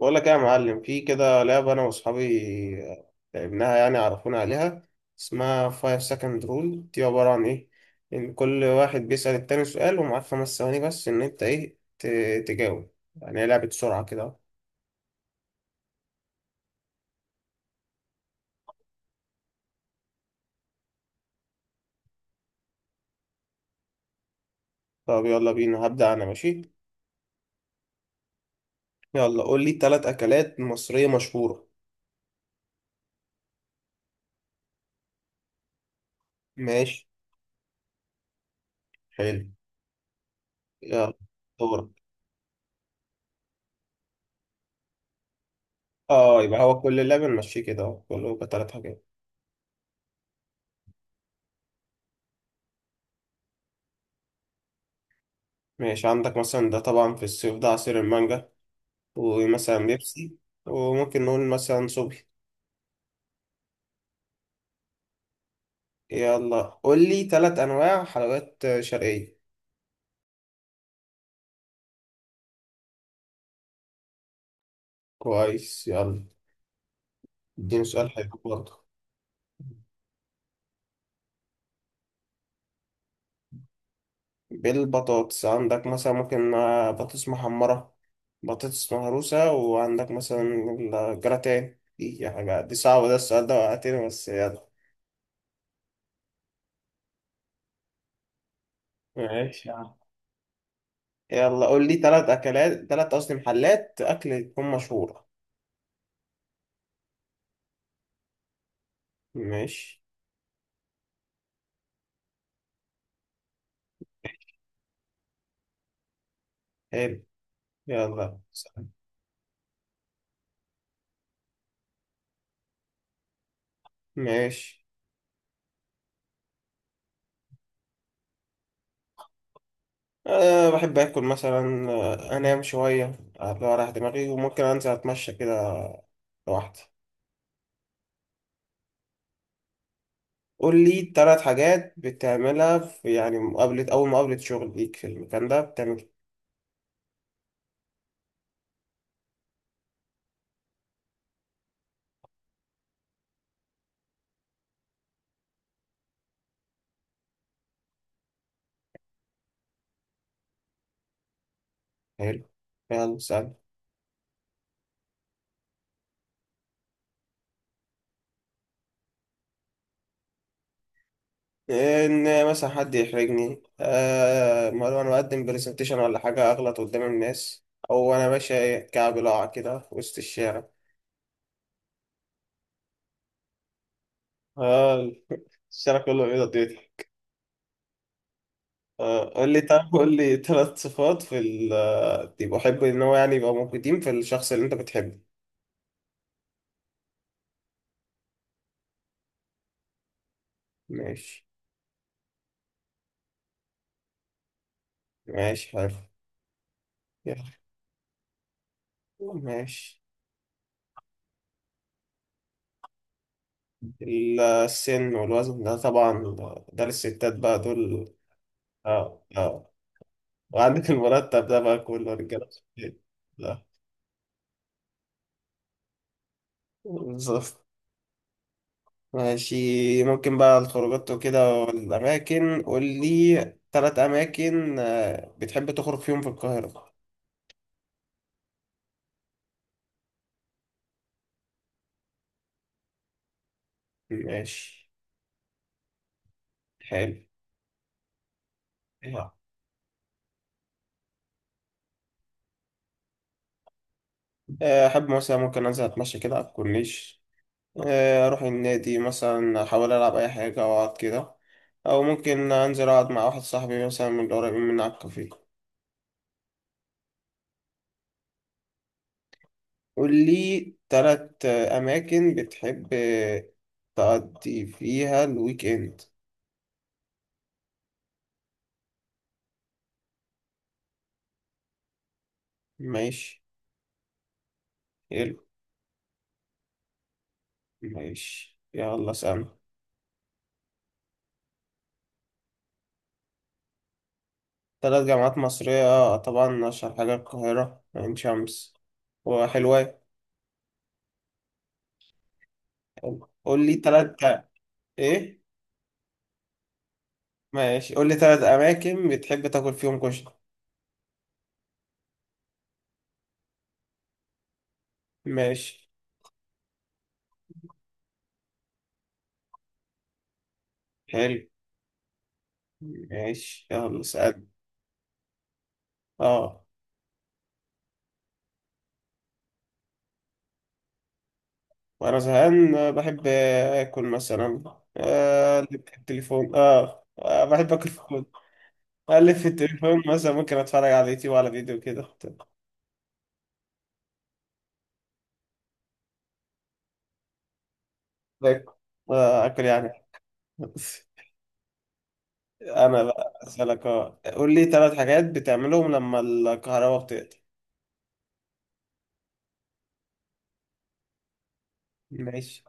بقول لك ايه يا معلم؟ في كده لعبة انا واصحابي لعبناها، يعني عرفونا عليها. اسمها 5 second rule. دي عبارة عن ايه؟ ان كل واحد بيسأل التاني سؤال ومعاك 5 ثواني بس ان انت ايه تجاوب. يعني هي لعبة سرعة كده. طب يلا بينا، هبدأ انا. ماشي. يلا قول لي ثلاث اكلات مصرية مشهورة. ماشي. حلو. يلا. دورك. اه، يبقى هو كل اللعبة نمشيه كده، كله ثلاث حاجات. ماشي، عندك مثلا ده طبعا في الصيف ده عصير المانجا، ومثلا بيبسي، وممكن نقول مثلا صبحي. يلا قول لي ثلاث أنواع حلويات شرقية. كويس، يلا. اديني سؤال حلو برضه. بالبطاطس، عندك مثلا ممكن بطاطس محمرة، بطاطس مهروسة، وعندك مثلا الجراتان. دي حاجة، دي صعبة، ده السؤال ده وقعتني، بس يلا. ماشي يا عم. يلا قول لي تلات أكلات تلات قصدي محلات أكل تكون مشهورة. ماشي. حلو. يلا سلام. ماشي. أه، بحب آكل مثلا، أنام شوية، أطلع أريح دماغي، وممكن أنزل أتمشى كده لوحدي. قول لي تلات حاجات بتعملها في يعني مقابلة، أول مقابلة شغل ليك في المكان ده بتعمل إيه؟ حلو، يلا سهل. إن مثلا حد يحرجني، أه مرة أنا بقدم برزنتيشن ولا حاجة أغلط قدام الناس، أو أنا ماشي كعب لاعة كده في وسط الشارع. أه، الشارع كله بيضة. آه، قول لي طب قول لي ثلاث صفات في ال دي بحب ان هو يعني يبقى موجودين في الشخص اللي انت بتحبه. ماشي. ماشي، حلو. يلا ماشي. السن والوزن ده طبعا، ده للستات بقى دول. اه اه. وعندك المرتب ده بقى كله، رجاله وستات. لا. بالظبط. ماشي. ممكن بقى الخروجات وكده والأماكن، قول لي ثلاث أماكن بتحب تخرج فيهم في القاهرة. ماشي. حلو. أحب مثلا ممكن أنزل أتمشى كده على الكورنيش، أروح النادي مثلا أحاول ألعب أي حاجة أو أقعد كده، أو ممكن أنزل أقعد مع واحد صاحبي مثلا من القريبين من على الكافيه. قول لي تلات أماكن بتحب تقضي فيها الويك إند. ماشي. حلو. ماشي يلا سلام. تلات جامعات مصرية، طبعا أشهر حاجة القاهرة، عين شمس، وحلوان. قول لي تلات. إيه؟ ماشي، قول لي ثلاث أماكن بتحب تاكل فيهم كشري. ماشي. حلو. ماشي يلا اسأل. اه. وأنا زهقان بحب آكل مثلا، أقلب في التليفون، اه بحب آكل في الفود، أقلب في التليفون، مثلا ممكن أتفرج على يوتيوب وعلى فيديو كده. باكل، آكل يعني. أنا بقى أسألك، اه قول لي ثلاث حاجات بتعملهم لما الكهرباء بتقطع. ماشي.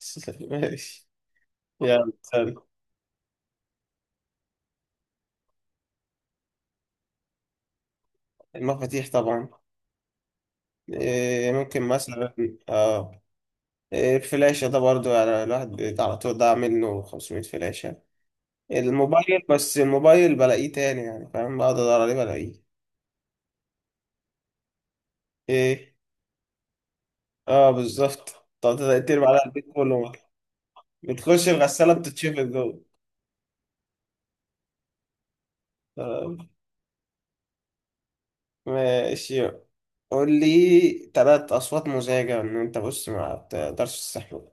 ماشي يلا سأل. المفاتيح طبعا. إيه، ممكن مثلا، اه إيه، الفلاشة ده برضو، يعني الواحد على طول ضاع منه 500 فلاشة. الموبايل، بس الموبايل بلاقيه تاني يعني فاهم، بقعد ادور عليه بلاقيه. ايه. اه بالظبط. طب تقدر تقلب على البيت كله مرة، بتخش الغسالة بتتشفط جوه. آه. ماشي، قول لي تلات أصوات مزعجة إن أنت، بص، ما بتقدرش تستحمل.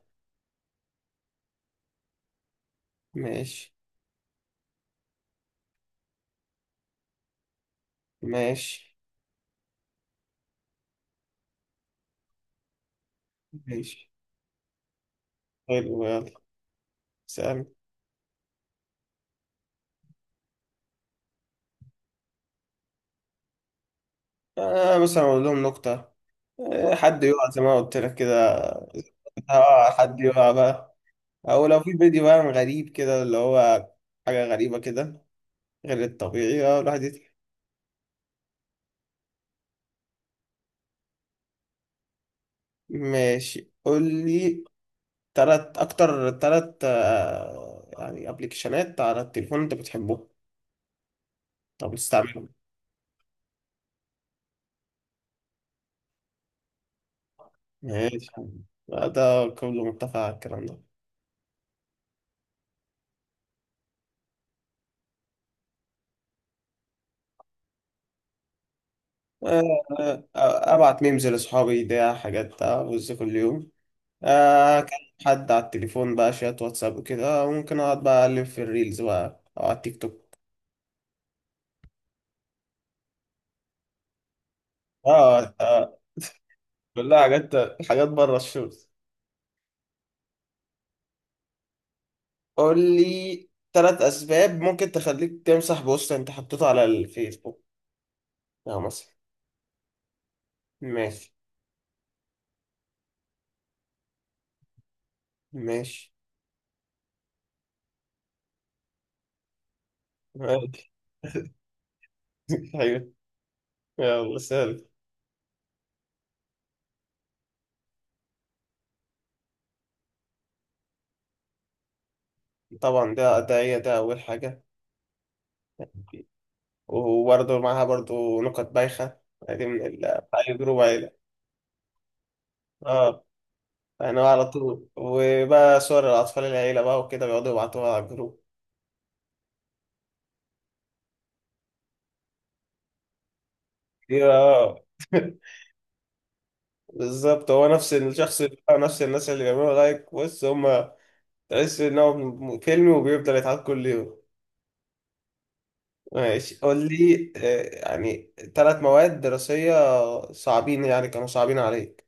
ماشي. ماشي. ماشي. حلو يلا سلام. آه مثلا أقول لهم نكتة، حد يقع زي ما قلت لك كده. اه حد يقع بقى، او لو في فيديو بقى غريب كده اللي هو حاجة غريبة كده، غير الطبيعي، اه الواحد يضحك. ماشي قول لي تلات يعني ابلكيشنات على التليفون انت بتحبهم، طب استعملهم. ماشي. آه، ده كله متفق على الكلام ده. آه، ابعت ميمز لاصحابي، ده حاجات بتاع، بص كل يوم. آه كان حد على التليفون بقى، شات واتساب وكده، وممكن اقعد بقى اقلب في الريلز بقى او على التيك توك. اه كلها حاجات، حاجات بره الشغل. قول لي ثلاث اسباب ممكن تخليك تمسح بوست انت حطيته على الفيسبوك. اه مثلا. ماشي. ماشي. ماشي. حلو يلا سهل. طبعا ده هي ده اول حاجه. وبرضه معاها برضه نكت بايخه، دي من ال بتاع جروب عيله. اه، يعني هو على طول، وبقى صور الأطفال العيلة بقى وكده بيقعدوا يبعتوها على الجروب. دي بقى- بالظبط، هو نفس الشخص بقى، نفس الناس اللي بيعملوا لايك، بص هما. تحس إن هو فيلم وبيفضل يتعاد كل يوم. ماشي قول لي يعني ثلاث مواد دراسية صعبين، يعني كانوا صعبين عليك.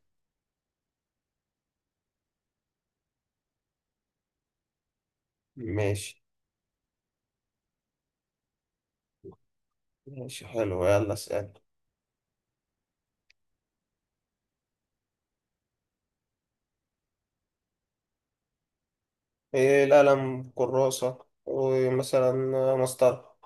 ماشي. ماشي حلو يلا اسأل. إيه، القلم، كراسة، ومثلا مسطرة.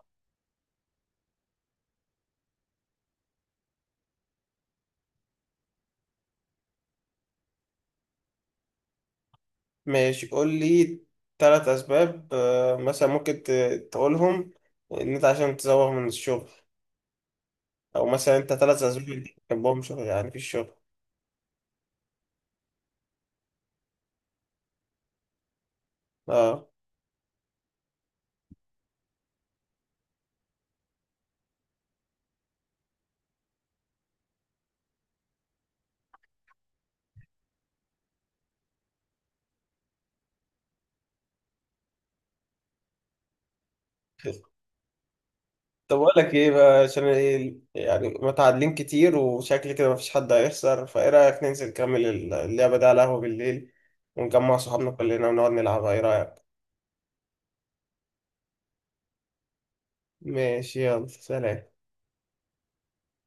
ماشي قول لي ثلاث اسباب مثلا ممكن تقولهم ان انت عشان تزوغ من الشغل. او مثلا انت ثلاث اسباب اللي بتحبهم شغل يعني، في الشغل. اه. طب اقول لك ايه بقى، عشان ايه يعني متعادلين كتير، وشكل كده مفيش حد هيخسر، فايه رايك ننزل نكمل اللعبه دي على القهوه بالليل، ونجمع صحابنا كلنا ونقعد نلعبها، ايه رايك؟ ماشي يلا سلام